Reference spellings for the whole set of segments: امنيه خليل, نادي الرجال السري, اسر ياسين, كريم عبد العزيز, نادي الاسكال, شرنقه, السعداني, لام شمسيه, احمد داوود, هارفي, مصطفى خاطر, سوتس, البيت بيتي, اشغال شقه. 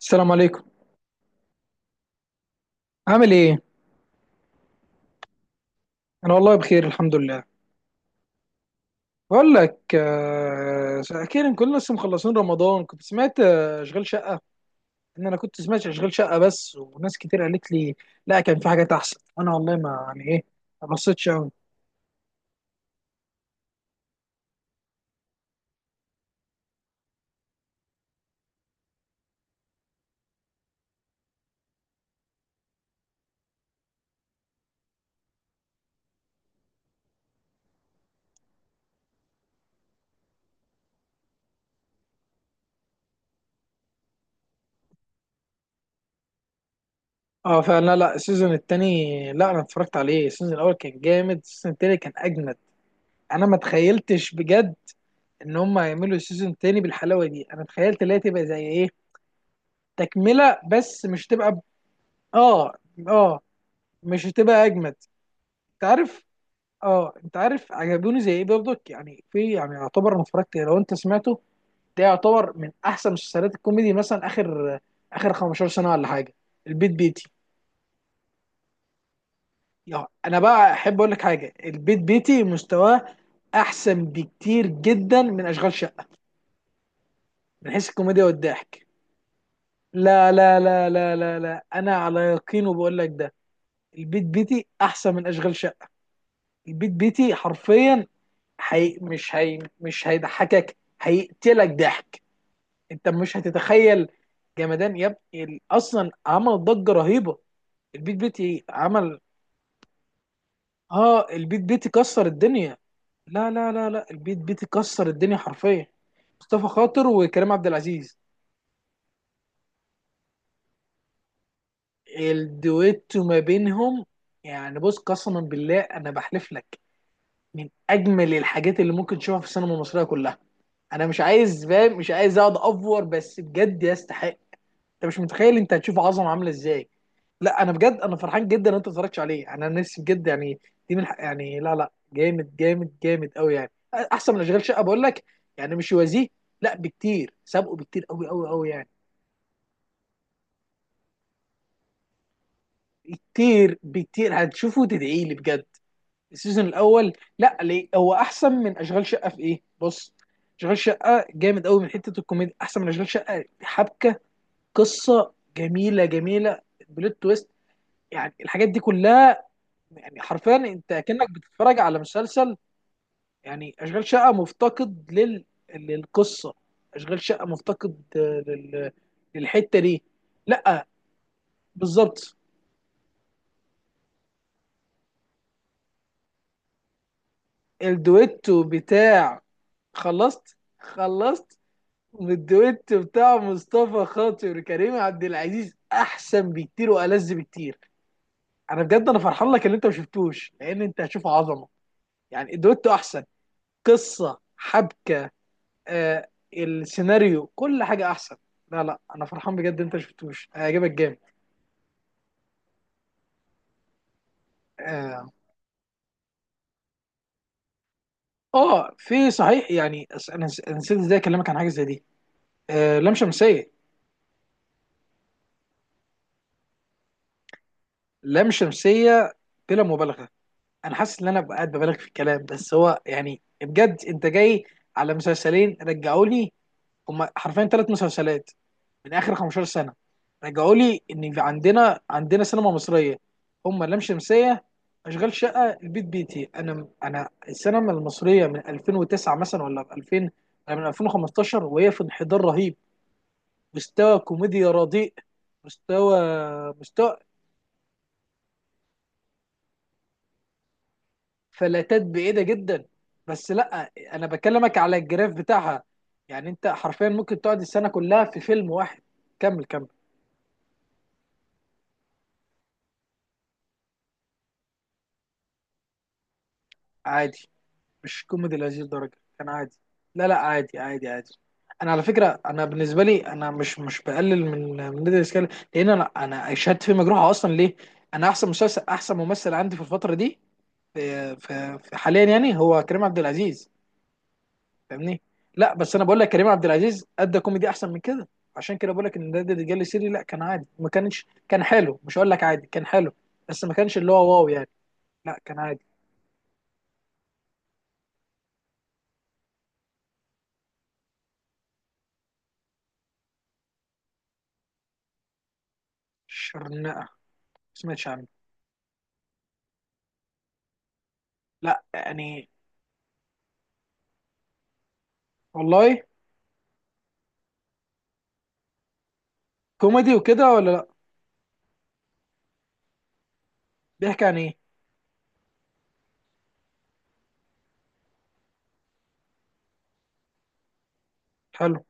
السلام عليكم. عامل ايه؟ انا والله بخير الحمد لله. بقول لك، اخيرا كنا لسه مخلصين رمضان. كنت سمعت اشغال شقه. ان انا كنت سمعت اشغال شقه بس، وناس كتير قالت لي لا، كان في حاجات احسن. انا والله ما يعني ايه، ما بصيتش قوي. اه فعلا. لا، لا، السيزون التاني، لا، انا اتفرجت عليه. السيزون الاول كان جامد، السيزون التاني كان اجمد. انا ما تخيلتش بجد ان هم هيعملوا السيزون التاني بالحلاوه دي. انا تخيلت اللي هي تبقى زي ايه، تكمله بس مش تبقى اه، اه، مش هتبقى اجمد. انت عارف؟ اه، انت عارف، عجبوني زي ايه برضك يعني، في يعني، يعتبر انا اتفرجت لو انت سمعته، ده يعتبر من احسن مسلسلات الكوميدي مثلا، اخر 15 سنه ولا حاجه. البيت بيتي. يعني انا بقى احب اقول لك حاجه، البيت بيتي مستواه احسن بكتير جدا من اشغال شقه من حيث الكوميديا والضحك. لا، لا، لا، لا، لا، لا، انا على يقين وبقول لك ده. البيت بيتي احسن من اشغال شقه. البيت بيتي حرفيا. مش مش هيضحكك، هيقتلك ضحك. انت مش هتتخيل. جمدان يا ابني. اصلا عمل ضجة رهيبة. البيت بيتي عمل. اه، البيت بيتي كسر الدنيا. لا، لا، لا، لا، البيت بيتي كسر الدنيا حرفيا. مصطفى خاطر وكريم عبد العزيز. الدويتو ما بينهم. يعني بص، قسما بالله انا بحلف لك، من اجمل الحاجات اللي ممكن تشوفها في السينما المصرية كلها. انا مش عايز، فاهم، مش عايز اقعد افور، بس بجد يستحق. انت مش متخيل، انت هتشوف عظمه عامله ازاي. لا، انا بجد انا فرحان جدا ان انت ما اتفرجتش عليه، انا نفسي بجد يعني. دي من يعني، لا، لا، جامد جامد جامد قوي يعني احسن من اشغال شقه، بقول لك. يعني مش يوازيه. لا، بكتير سابقه بكتير قوي قوي قوي يعني. كتير بكتير، هتشوفه تدعي لي بجد. السيزون الاول. لا، ليه هو احسن من اشغال شقه في ايه؟ بص، اشغال شقه جامد قوي من حته الكوميديا، احسن من اشغال شقه حبكه، قصه جميله جميله، بلوت تويست. يعني الحاجات دي كلها، يعني حرفيا انت كأنك بتتفرج على مسلسل. يعني اشغال شقه مفتقد للقصه. اشغال شقه مفتقد للحته دي. لا، بالظبط، الدويتو بتاع. خلصت خلصت. والدويتو بتاع مصطفى خاطر وكريم عبد العزيز احسن بكتير والذ بكتير. انا بجد انا فرحان لك اللي انت ما شفتوش، لان انت هتشوف عظمه. يعني الدويتو احسن، قصه، حبكه، السيناريو، كل حاجه احسن. لا، لا، انا فرحان بجد. انت شفتوش هيعجبك جامد. اه. في صحيح يعني أنا نسيت ازاي اكلمك عن حاجه زي دي. آه، لام شمسيه. لام شمسيه، بلا مبالغه. انا حاسس ان انا قاعد ببالغ في الكلام. بس هو يعني بجد، انت جاي على مسلسلين رجعوا لي، هما حرفيا 3 مسلسلات من اخر 15 سنه رجعوا لي ان في عندنا سينما مصريه. هم لام شمسيه، اشغال شقه، البيت بيتي. انا السينما المصريه من 2009 مثلا، ولا من 2000، ولا من 2015 وهي في انحدار رهيب. مستوى كوميديا رديء. مستوى مستوى فلاتات بعيده جدا. بس لا، انا بكلمك على الجراف بتاعها. يعني انت حرفيا ممكن تقعد السنه كلها في فيلم واحد. كمل كمل. عادي. مش كوميدي لهذه الدرجه، كان عادي. لا، لا، عادي، عادي، عادي. انا على فكره، انا بالنسبه لي، انا مش بقلل من نادي الاسكال، لان انا شهادتي في مجروحه اصلا، ليه؟ انا احسن مسلسل، احسن ممثل عندي في الفتره دي، في حاليا يعني، هو كريم عبد العزيز. فاهمني؟ لا بس انا بقول لك كريم عبد العزيز ادى كوميدي احسن من كده. عشان كده بقول لك ان نادي الرجال السري، لا، كان عادي. ما كانش، كان حلو. مش هقول لك عادي، كان حلو. بس ما كانش اللي هو واو يعني. لا، كان عادي. شرنقه ما سمعتش عنه. لا يعني. والله كوميدي وكده ولا لا؟ بيحكي عن ايه؟ حلو.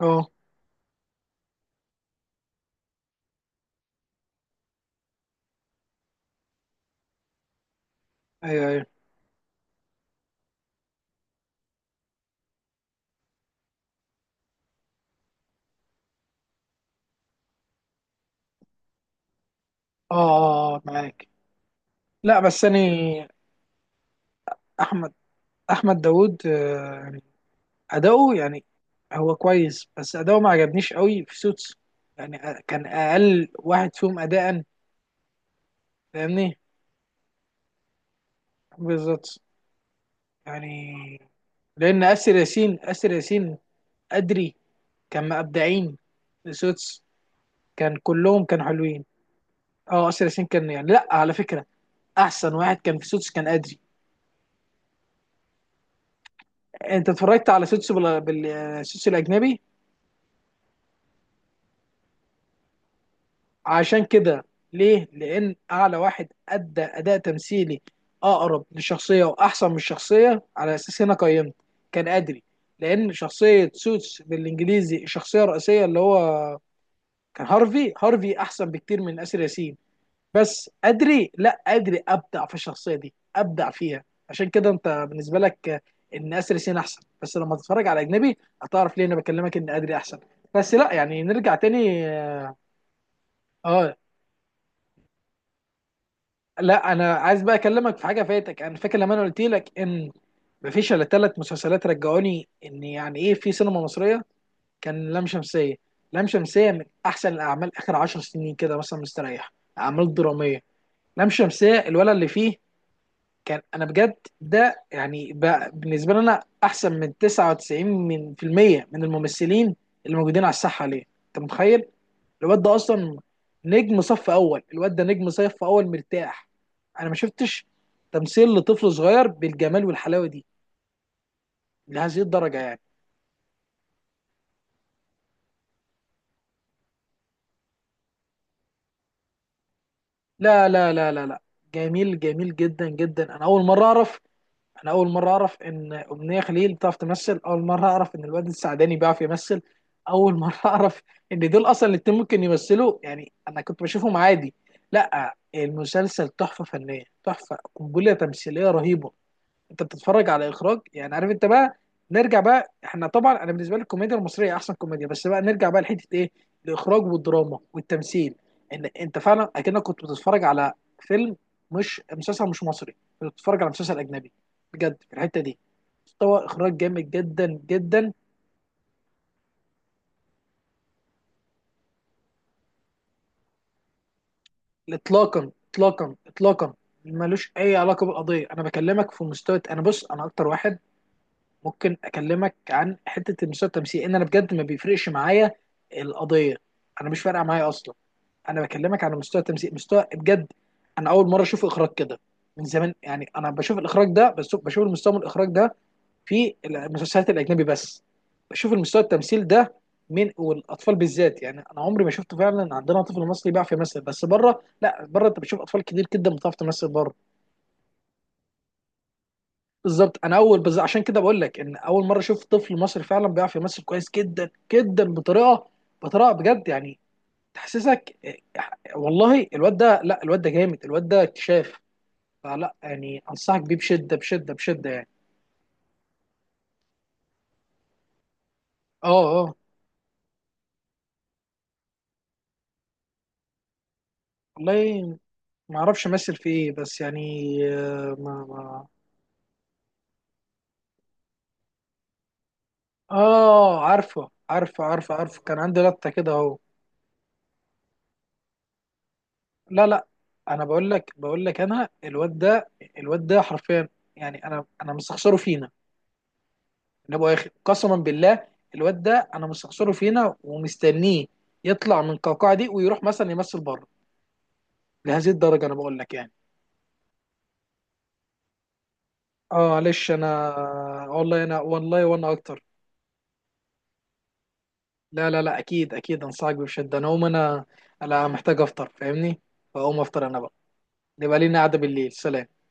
اه. ايوه، ايوه. اه، اه. آه، أه، معاك. لا بس انا، احمد احمد داوود، يعني اداؤه يعني، هو كويس بس اداؤه ما عجبنيش قوي في سوتس يعني. كان اقل واحد فيهم اداء. فاهمني؟ بالظبط يعني. لان اسر ياسين ادري كان مبدعين في سوتس. كان كلهم كانوا حلوين. اه، اسر ياسين كان يعني، لا على فكره، احسن واحد كان في سوتس كان ادري. انت اتفرجت على سوتسو بالسوتسو الاجنبي؟ عشان كده. ليه؟ لان اعلى واحد ادى اداء تمثيلي اقرب للشخصيه واحسن من الشخصيه على اساس هنا قيمت، كان ادري. لان شخصيه سوتس بالانجليزي، الشخصيه الرئيسيه اللي هو كان هارفي، هارفي احسن بكتير من اسر ياسين. بس ادري، لا ادري ابدع في الشخصيه دي، ابدع فيها. عشان كده انت بالنسبه لك ان اسر ياسين احسن، بس لما تتفرج على اجنبي هتعرف ليه انا بكلمك ان ادري احسن. بس لا يعني نرجع تاني. اه. آه، لا انا عايز بقى اكلمك في حاجه فاتك. انا فاكر لما انا قلت لك ان مفيش الا ثلاث مسلسلات رجعوني ان يعني ايه في سينما مصريه. كان لام شمسيه. لام شمسيه من احسن الاعمال اخر 10 سنين كده مثلا، مستريح، اعمال دراميه. لام شمسيه الولد اللي فيه كان، انا بجد ده يعني بقى بالنسبه لي، انا احسن من 99 من في المية من الممثلين اللي موجودين على الساحه. ليه؟ انت متخيل؟ الواد ده اصلا نجم صف اول. الواد ده نجم صف اول، مرتاح. انا ما شفتش تمثيل لطفل صغير بالجمال والحلاوه دي لهذه الدرجه يعني. لا، لا، لا، لا، لا، جميل جميل جدا جدا. انا اول مره اعرف. انا اول مره اعرف ان امنيه خليل بتعرف تمثل. اول مره اعرف ان الواد السعداني بيعرف يمثل. اول مره اعرف ان دول اصلا الاتنين ممكن يمثلوا، يعني انا كنت بشوفهم عادي. لا، المسلسل تحفه فنيه، تحفه، قنبله تمثيليه رهيبه. انت بتتفرج على اخراج يعني، عارف انت بقى. نرجع بقى احنا، طبعا انا بالنسبه لي الكوميديا المصريه احسن كوميديا، بس بقى نرجع بقى لحته ايه؟ الاخراج والدراما والتمثيل. ان انت فعلا اكنك كنت بتتفرج على فيلم، مش مسلسل، مش مصري، كنت بتتفرج على مسلسل اجنبي بجد في الحته دي. مستوى اخراج جامد جدا جدا. اطلاقا، اطلاقا، اطلاقا، ملوش اي علاقه بالقضيه. انا بكلمك في مستوى. انا بص، انا اكتر واحد ممكن اكلمك عن حته المستوى التمثيلي، ان انا بجد ما بيفرقش معايا القضيه. انا مش فارقه معايا اصلا. انا بكلمك عن مستوى التمثيل، مستوى بجد. انا اول مره اشوف اخراج كده من زمان يعني. انا بشوف الاخراج ده بس بشوف المستوى من الاخراج ده في المسلسلات الاجنبي بس، بشوف المستوى التمثيل ده. من، والاطفال بالذات يعني، انا عمري ما شفته فعلا عندنا طفل مصري بيعرف يمثل. بس بره، لا بره انت بتشوف اطفال كتير جدا بتعرف تمثل بره. بالظبط، انا اول بس عشان كده بقول لك ان اول مره اشوف طفل مصري فعلا بيعرف يمثل كويس جدا جدا بطريقه بجد يعني، تحسسك. والله الواد ده، لا الواد ده جامد، الواد ده اكتشاف. فلا يعني انصحك بيه بشده بشده بشده يعني. اه، اه، والله ما اعرفش امثل في ايه بس يعني. ما اه، عارفه، عارفه، عارفه، عارفه كان عندي لقطه كده اهو. لا، لا، انا بقول لك انا الواد ده. الواد ده حرفيا يعني، انا مستخسره فينا. انا ابو اخر قسما بالله. الواد ده، انا مستخسره فينا ومستنيه يطلع من القوقعه دي ويروح مثلا يمثل بره. لهذه الدرجه انا بقول لك يعني. اه، معلش انا. والله انا، والله وانا اكتر. لا، لا، لا، اكيد، اكيد انصحك بشده. انا اقوم، انا محتاج افطر، فاهمني؟ فاقوم افطر انا بقى. نبقى لينا قعده بالليل. سلام.